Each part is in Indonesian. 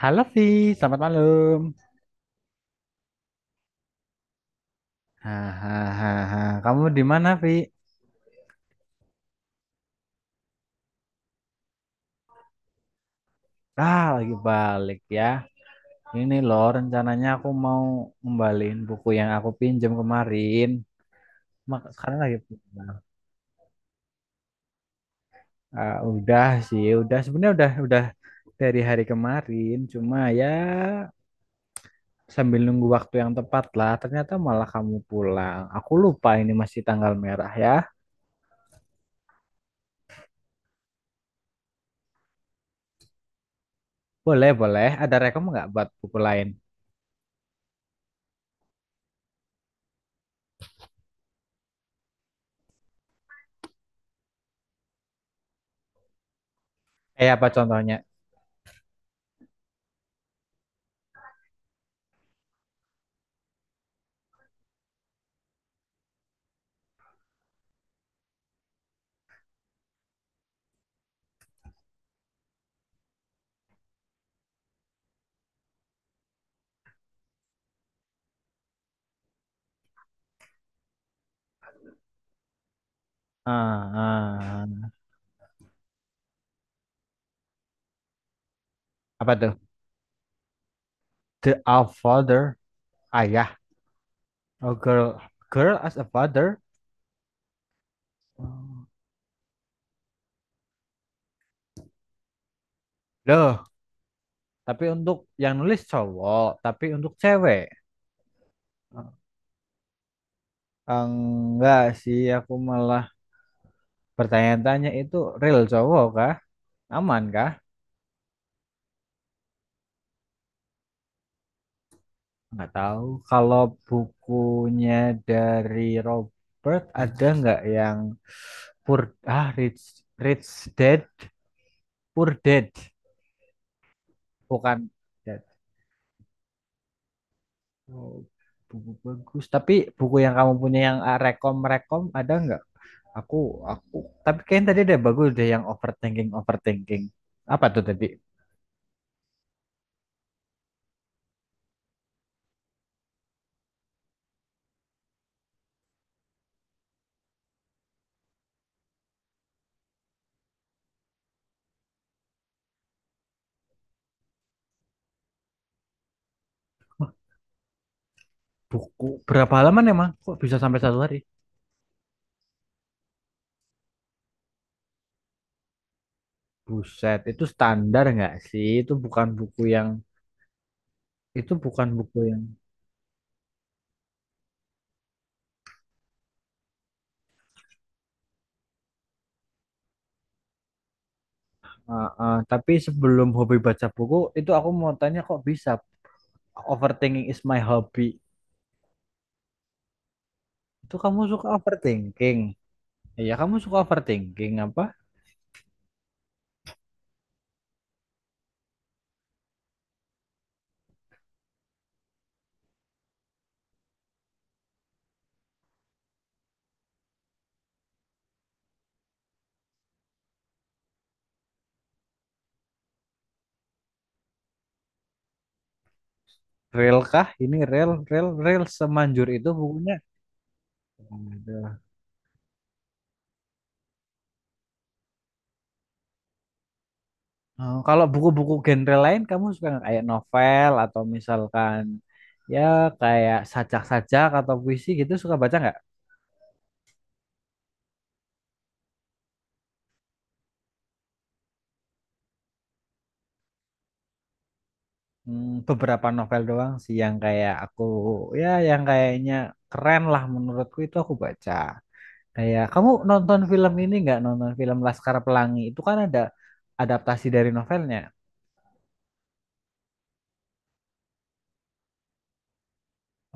Halo Vi, selamat malam. Hahaha, kamu di mana Vi? Ah, lagi balik ya. Ini loh rencananya aku mau ngembaliin buku yang aku pinjam kemarin. Mak sekarang lagi udah sih, udah sebenarnya udah dari hari kemarin. Cuma ya sambil nunggu waktu yang tepat lah. Ternyata malah kamu pulang. Aku lupa ini masih tanggal merah ya. Boleh boleh. Ada rekom nggak buat buku lain? Eh apa contohnya? Ah, ah, ah. Apa tuh? The a father, ayah. Oh, girl, girl as a father. Loh, tapi untuk yang nulis cowok, tapi untuk cewek. Ah, enggak sih, aku malah bertanya-tanya itu real cowok kah? Aman kah? Enggak tahu. Kalau bukunya dari Robert ada enggak yang Poor ah Rich Rich Dad, Poor Dad, bukan Dad. Oh, buku bagus. Tapi buku yang kamu punya yang rekom-rekom ada nggak? Aku, aku. Tapi kayaknya tadi ada bagus deh yang overthinking, overthinking. Apa tuh tadi? Buku berapa halaman emang? Kok bisa sampai satu hari? Buset, itu standar nggak sih? Itu bukan buku yang, itu bukan buku yang. Ah. Tapi sebelum hobi baca buku, itu aku mau tanya kok bisa overthinking is my hobby. Itu kamu suka overthinking? Iya, kamu suka overthinking apa? Rel kah? Ini rel, rel, rel semanjur itu bukunya. Waduh. Oh, kalau buku-buku genre lain kamu suka nggak? Kayak novel atau misalkan ya kayak sajak-sajak atau puisi gitu suka baca nggak? Hmm, beberapa novel doang sih yang kayak aku ya yang kayaknya keren lah menurutku itu aku baca. Kayak kamu nonton film ini nggak? Nonton film Laskar Pelangi itu kan ada adaptasi dari novelnya.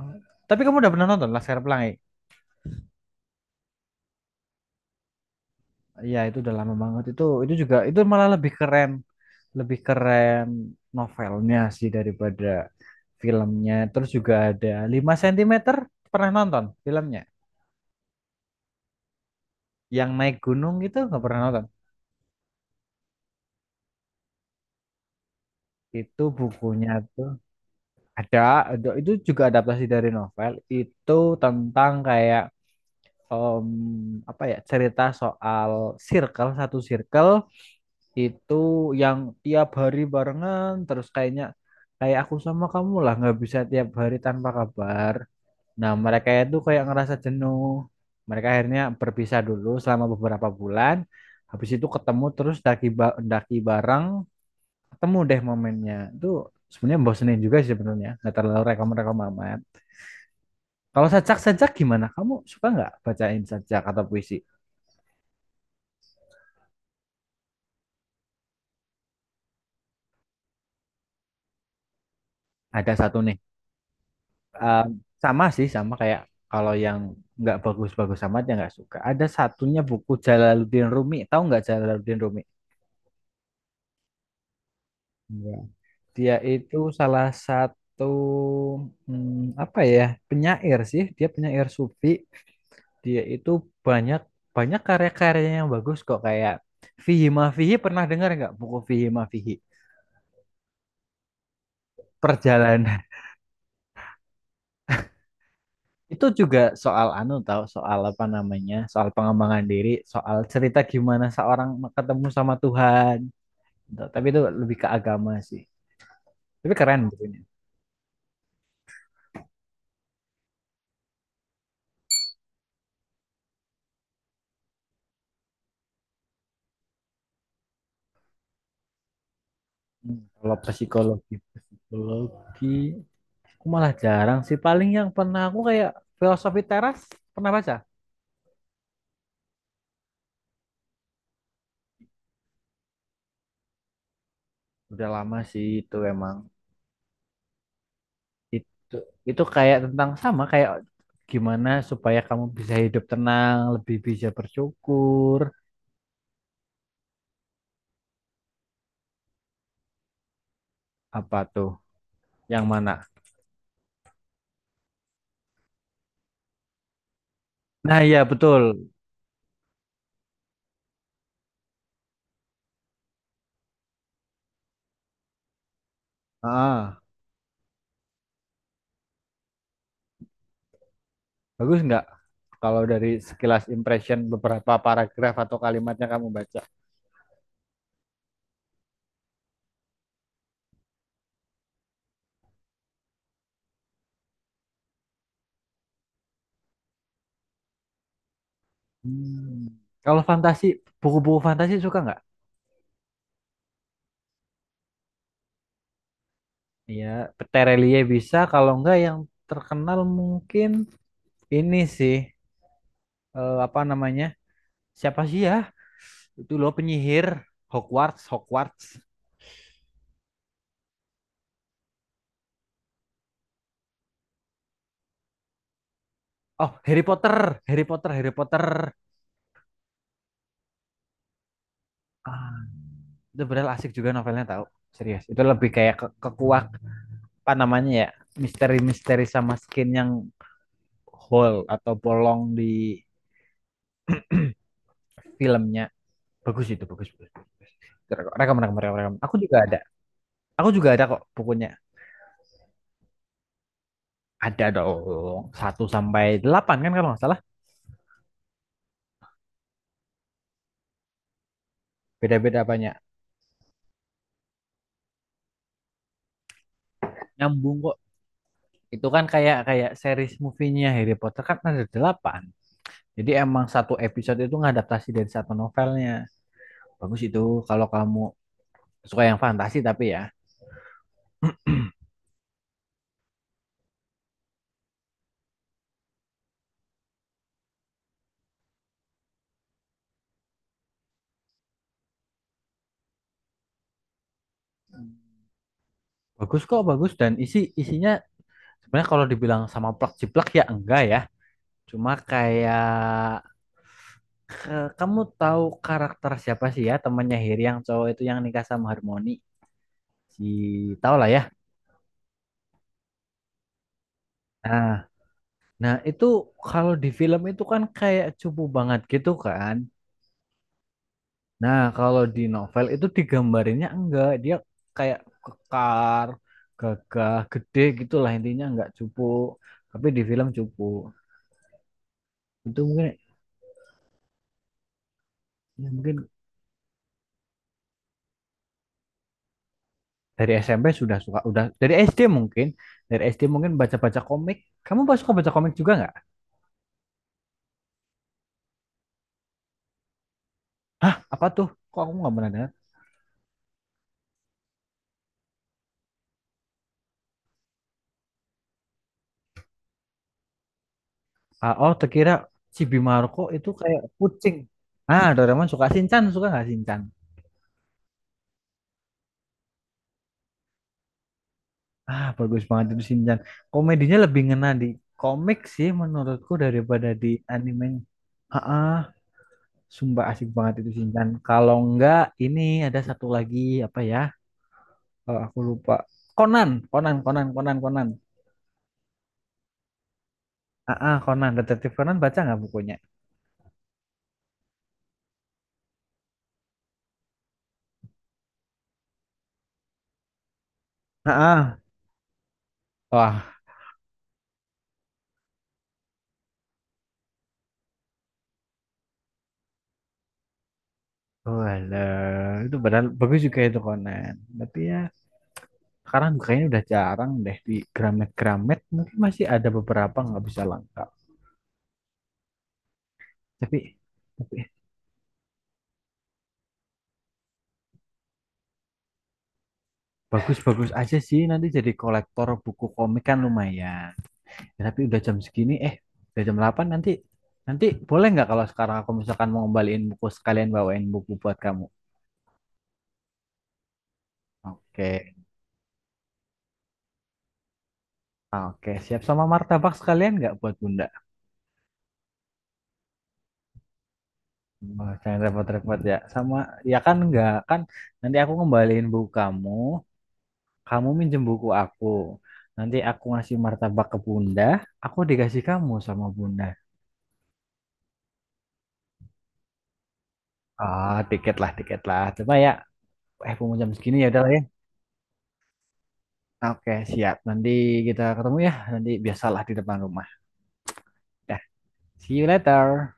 Oh. Tapi kamu udah pernah nonton Laskar Pelangi? Iya, itu udah lama banget. Itu juga itu malah lebih keren novelnya sih daripada filmnya. Terus juga ada lima sentimeter pernah nonton filmnya. Yang naik gunung itu nggak pernah nonton. Itu bukunya tuh ada, ada itu juga adaptasi dari novel. Itu tentang kayak em, apa ya cerita soal circle satu circle itu yang tiap hari barengan terus kayaknya kayak aku sama kamu lah nggak bisa tiap hari tanpa kabar. Nah mereka itu kayak ngerasa jenuh. Mereka akhirnya berpisah dulu selama beberapa bulan. Habis itu ketemu terus daki bareng ketemu deh momennya. Itu sebenarnya bosenin juga sih sebenarnya. Nggak terlalu rekom-rekom amat. Kalau sajak-sajak gimana? Kamu suka nggak bacain sajak atau puisi? Ada satu nih. Um, Sama sih, sama kayak kalau yang nggak bagus-bagus amat ya nggak suka. Ada satunya buku Jalaluddin Rumi. Tahu nggak Jalaluddin Rumi? Enggak. Dia itu salah satu apa ya penyair sih. Dia penyair sufi. Dia itu banyak banyak karya-karyanya yang bagus kok kayak Fihi Ma Fihi pernah dengar nggak buku Fihi Ma Fihi? Perjalanan itu juga soal anu tahu soal apa namanya? Soal pengembangan diri, soal cerita gimana seorang ketemu sama Tuhan. Tuh, tapi itu lebih ke agama sih. Tapi keren bukunya. Hmm, kalau psikologi, psikologi aku malah jarang sih. Paling yang pernah aku kayak filosofi teras pernah baca. Udah lama sih itu emang. Itu itu kayak tentang sama kayak gimana supaya kamu bisa hidup tenang, lebih bisa bersyukur, apa tuh? Yang mana? Nah, iya betul. Ah, Bagus nggak kalau dari sekilas impression beberapa paragraf atau kalimatnya kamu baca? Hmm. Kalau fantasi, buku-buku fantasi suka nggak? Ya, Terelie bisa. Kalau nggak yang terkenal mungkin ini sih apa namanya? Siapa sih ya? Itu loh penyihir Hogwarts, Hogwarts. Oh, Harry Potter, Harry Potter, Harry Potter. Ah, itu benar asik juga novelnya tahu. Serius, itu lebih kayak ke, kekuak apa namanya ya? Misteri-misteri sama skin yang hole atau bolong di filmnya bagus itu bagus bagus, bagus. Rekam rekam rekam rekam aku juga ada kok bukunya ada dong satu sampai delapan kan kalau nggak salah beda beda banyak nyambung kok itu kan kayak kayak series movie-nya Harry Potter kan ada delapan jadi emang satu episode itu ngadaptasi dari satu novelnya bagus itu kalau kamu suka yang fantasi tapi ya bagus kok bagus dan isi isinya sebenarnya kalau dibilang sama plak jiplak ya enggak ya cuma kayak kamu tahu karakter siapa sih ya temannya Heri yang cowok itu yang nikah sama Harmoni? Si tahu lah ya. Nah, nah itu kalau di film itu kan kayak cupu banget gitu kan. Nah, kalau di novel itu digambarinnya enggak, dia kayak kekar, gagah, gede gitulah intinya enggak cupu. Tapi di film cupu. Itu mungkin ya mungkin dari SMP sudah suka udah dari SD mungkin, dari SD mungkin baca-baca komik. Kamu suka baca komik juga nggak? Apa tuh kok aku nggak pernah dengar. Oh terkira si Bimarco itu kayak kucing ah Doraemon suka Shinchan suka nggak Shinchan bagus banget itu Shinchan komedinya lebih ngena di komik sih menurutku daripada di anime ah ah, sumpah asik banget itu Shinchan kalau enggak ini ada satu lagi apa ya kalau aku lupa Conan Conan Conan Conan Conan Conan Detektif Conan baca nggak bukunya ah ah. Wah, walah, itu padahal bagus juga itu Conan. Tapi ya sekarang kayaknya udah jarang deh di Gramet-Gramet. Mungkin masih ada beberapa nggak bisa lengkap. Tapi tapi bagus-bagus aja sih. Nanti jadi kolektor buku komik kan lumayan. Ya, tapi udah jam segini, udah jam 8 nanti. Nanti boleh nggak kalau sekarang aku misalkan mau ngembaliin buku sekalian bawain buku buat kamu? Oke. Oke, siap sama martabak sekalian nggak buat Bunda? Oh, jangan repot-repot ya. Sama, ya kan nggak kan nanti aku ngembaliin buku kamu, kamu minjem buku aku. Nanti aku ngasih martabak ke Bunda. Aku dikasih kamu sama Bunda. Ah, tiket lah, tiket lah. Coba ya, mau jam segini ya udah lah ya. Oke, siap. Nanti kita ketemu ya. Nanti biasalah di depan rumah. Dah, see you later.